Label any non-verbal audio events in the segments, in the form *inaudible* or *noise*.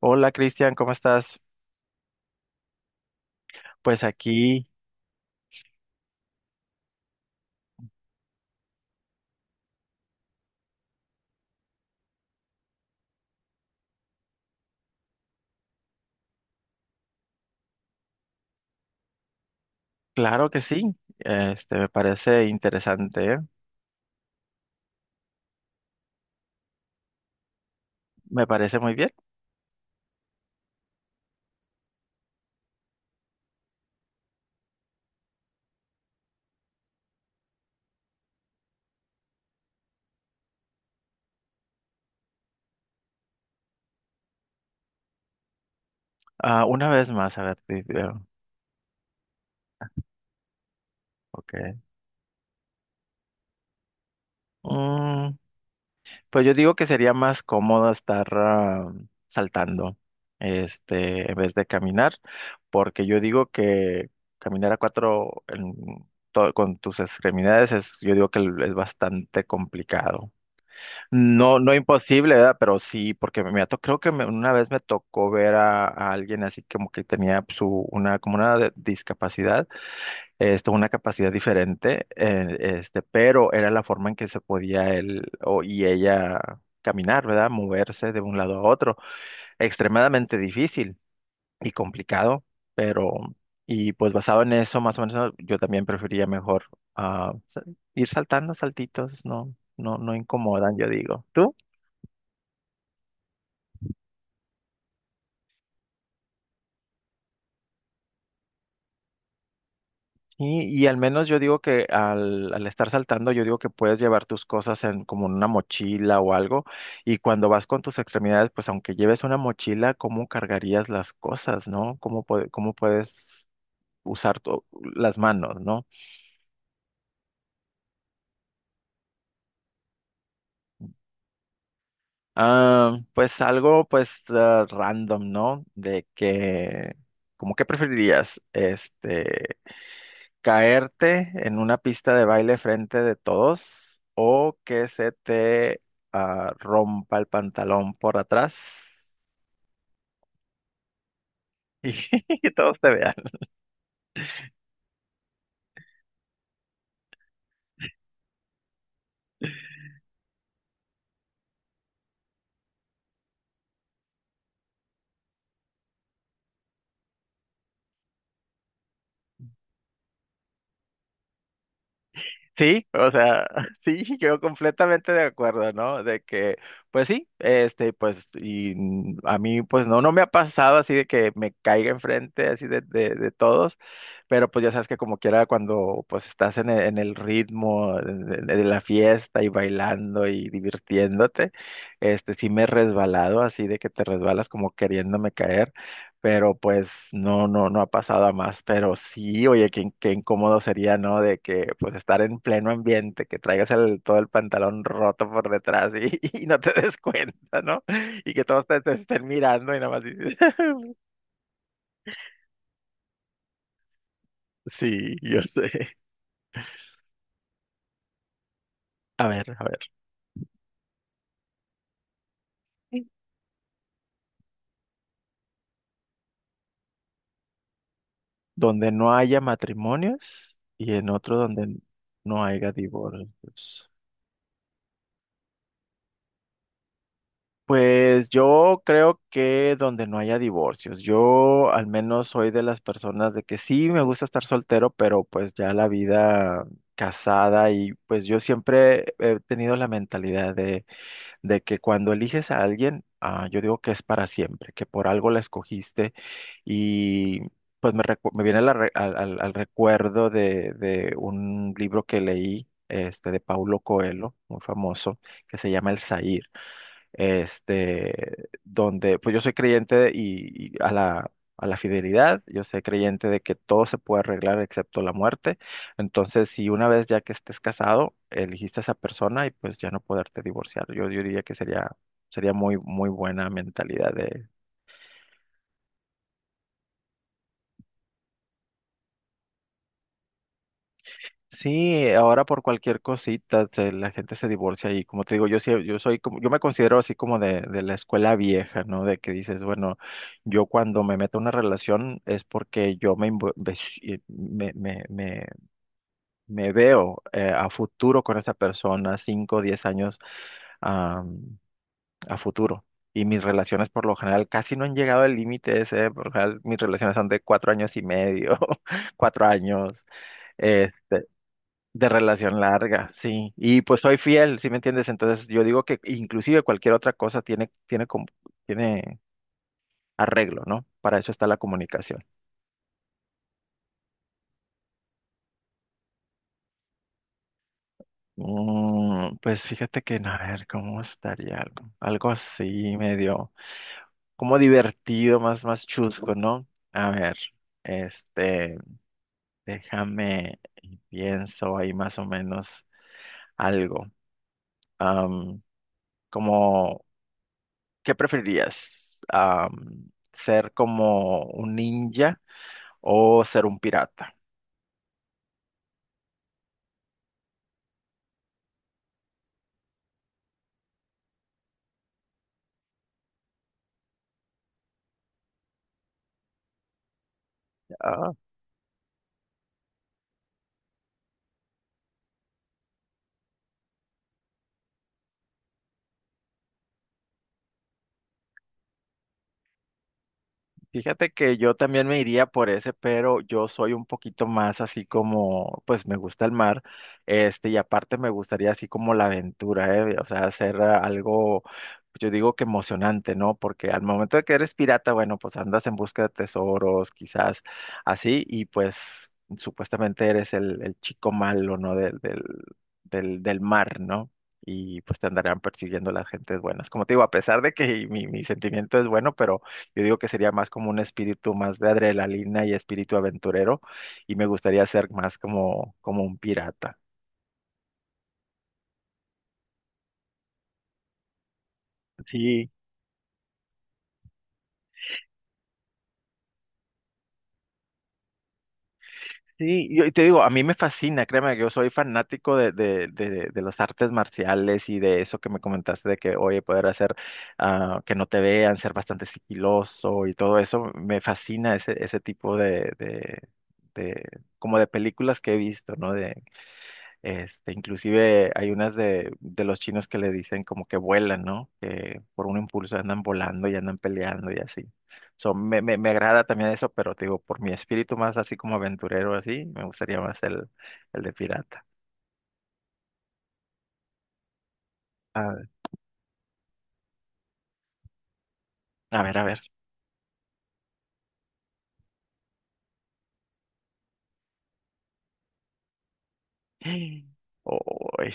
Hola Cristian, ¿cómo estás? Pues aquí, claro que sí, me parece interesante, ¿eh? Me parece muy bien. Ah, una vez más, a ver, ok. Mm, pues yo digo que sería más cómodo estar saltando, en vez de caminar, porque yo digo que caminar a cuatro en con tus extremidades es, yo digo que es bastante complicado. No, no imposible, ¿verdad? Pero sí, porque me ha creo que una vez me tocó ver a alguien así como que tenía su, una, como una discapacidad, esto, una capacidad diferente, pero era la forma en que se podía él y ella caminar, ¿verdad? Moverse de un lado a otro. Extremadamente difícil y complicado, pero, y pues basado en eso, más o menos, yo también prefería mejor ah, sa- ir saltando saltitos, no, no, no incomodan, yo digo. ¿Tú? Y al menos yo digo que al estar saltando, yo digo que puedes llevar tus cosas en como en una mochila o algo. Y cuando vas con tus extremidades, pues aunque lleves una mochila, ¿cómo cargarías las cosas, no? ¿Cómo, cómo puedes usar las manos, no? Ah, pues algo, pues random, ¿no? De que, ¿cómo que preferirías? Caerte en una pista de baile frente de todos o que se te rompa el pantalón por atrás *laughs* y todos te vean. Sí, o sea, *laughs* sí, yo completamente de acuerdo, ¿no? De que, pues sí, a mí, pues no, no me ha pasado así de que me caiga enfrente así de todos, pero pues ya sabes que como quiera cuando pues estás en el ritmo de la fiesta y bailando y divirtiéndote, sí me he resbalado así de que te resbalas como queriéndome caer pero pues no, no, no ha pasado a más, pero sí, oye, qué, qué incómodo sería, ¿no? De que pues estar en pleno ambiente, que traigas el, todo el pantalón roto por detrás y, *laughs* y no te des cuenta, ¿no? Y que todos te estén mirando y nada más dices, *laughs* sí, yo sé. A ver, donde no haya matrimonios y en otro donde no haya divorcios. Pues yo creo que donde no haya divorcios, yo al menos soy de las personas de que sí me gusta estar soltero, pero pues ya la vida casada y pues yo siempre he tenido la mentalidad de que cuando eliges a alguien, yo digo que es para siempre, que por algo la escogiste y pues me, me viene la al recuerdo de un libro que leí, de Paulo Coelho, muy famoso, que se llama El Zahir, donde pues yo soy creyente y a la fidelidad, yo soy creyente de que todo se puede arreglar excepto la muerte. Entonces, si una vez ya que estés casado, elegiste a esa persona y pues ya no poderte divorciar, yo diría que sería, sería muy, muy buena mentalidad. Sí, ahora por cualquier cosita la gente se divorcia y como te digo, yo sí, yo soy como, yo me considero así como de la escuela vieja, ¿no? De que dices, bueno, yo cuando me meto en una relación es porque yo me, me veo a futuro con esa persona, 5 o 10 años, am, a futuro. Y mis relaciones por lo general casi no han llegado al límite ese, por lo general mis relaciones son de cuatro años y medio, *laughs* cuatro años. eh, de relación larga, sí. Y pues soy fiel, ¿sí me entiendes? Entonces yo digo que inclusive cualquier otra cosa tiene, tiene, tiene arreglo, ¿no? Para eso está la comunicación. Pues fíjate que, no, a ver, ¿cómo estaría algo? Algo así, medio, como divertido, más, más chusco, ¿no? A ver, este, déjame, y pienso ahí más o menos algo. Am, como ¿Qué preferirías? ¿Ser como un ninja o ser un pirata? Fíjate que yo también me iría por ese, pero yo soy un poquito más así como, pues me gusta el mar, y aparte me gustaría así como la aventura, ¿eh? O sea, hacer algo, yo digo que emocionante, ¿no? Porque al momento de que eres pirata, bueno, pues andas en busca de tesoros, quizás así, y pues supuestamente eres el chico malo, ¿no? Del mar, ¿no? Y pues te andarán persiguiendo las gentes buenas. Como te digo, a pesar de que mi sentimiento es bueno, pero yo digo que sería más como un espíritu más de adrenalina y espíritu aventurero y me gustaría ser más como, como un pirata. Sí, sí, yo y te digo, a mí me fascina, créeme que yo soy fanático de las artes marciales y de eso que me comentaste de que, oye, poder hacer que no te vean, ser bastante sigiloso y todo eso, me fascina ese, ese tipo de, como de películas que he visto, ¿no? Este, inclusive hay unas de los chinos que le dicen como que vuelan, ¿no? Que por un impulso andan volando y andan peleando y así. So, me agrada también eso, pero te digo, por mi espíritu más así como aventurero, así, me gustaría más el de pirata. A ver, a ver, a ver. *gasps* Uy,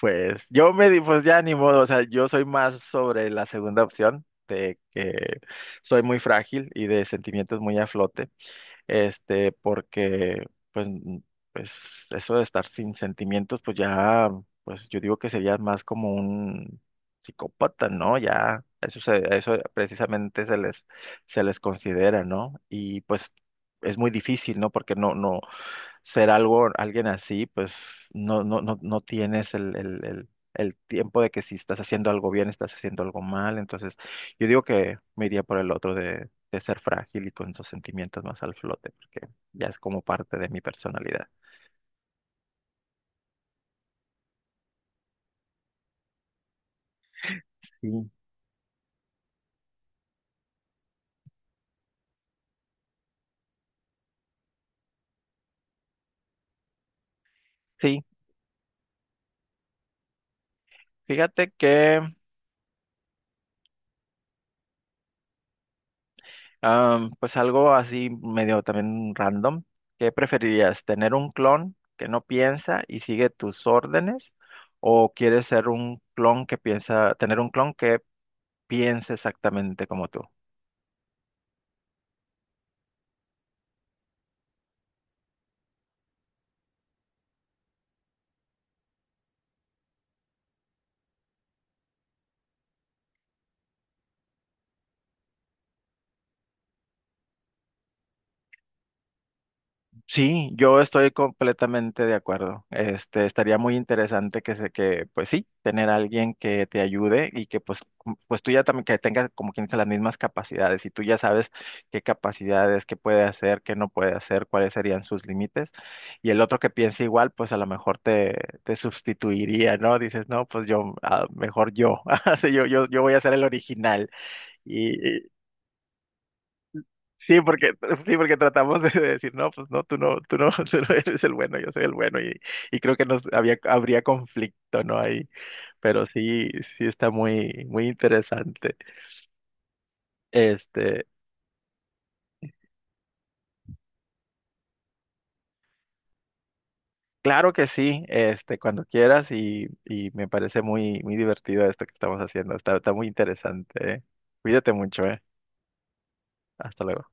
pues yo me di, pues ya ni modo, o sea, yo soy más sobre la segunda opción, de que soy muy frágil y de sentimientos muy a flote. Porque pues, pues eso de estar sin sentimientos, pues ya, pues yo digo que sería más como un psicópata, ¿no? Ya, eso se, a eso precisamente se les considera, ¿no? Y pues es muy difícil, ¿no? Porque no, no, ser algo, alguien así, pues no, no, no, no tienes el tiempo de que si estás haciendo algo bien, estás haciendo algo mal. Entonces, yo digo que me iría por el otro de ser frágil y con esos sentimientos más al flote, porque ya es como parte de mi personalidad. Sí. Sí, fíjate que, pues algo así medio también random. ¿Qué preferirías? ¿Tener un clon que no piensa y sigue tus órdenes? ¿O quieres ser un clon que piensa, tener un clon que piensa exactamente como tú? Sí, yo estoy completamente de acuerdo. Estaría muy interesante que se, que, pues sí, tener a alguien que te ayude y que pues, pues tú ya también que tengas como quien dice las mismas capacidades y tú ya sabes qué capacidades, qué puede hacer, qué no puede hacer, cuáles serían sus límites. Y el otro que piense igual, pues a lo mejor te sustituiría, ¿no? Dices, no, pues yo, ah, mejor yo. *laughs* Sí, yo voy a ser el original. Sí, porque, *laughs* sí, porque tratamos de decir, no, pues no, tú no, tú no, *laughs* tú no eres el bueno, yo soy el bueno, y creo que habría conflicto, ¿no? Ahí, pero sí, sí está muy, muy interesante. Este, claro que sí, cuando quieras, y me parece muy, muy divertido esto que estamos haciendo, está, está muy interesante, ¿eh? Cuídate mucho, ¿eh? Hasta luego.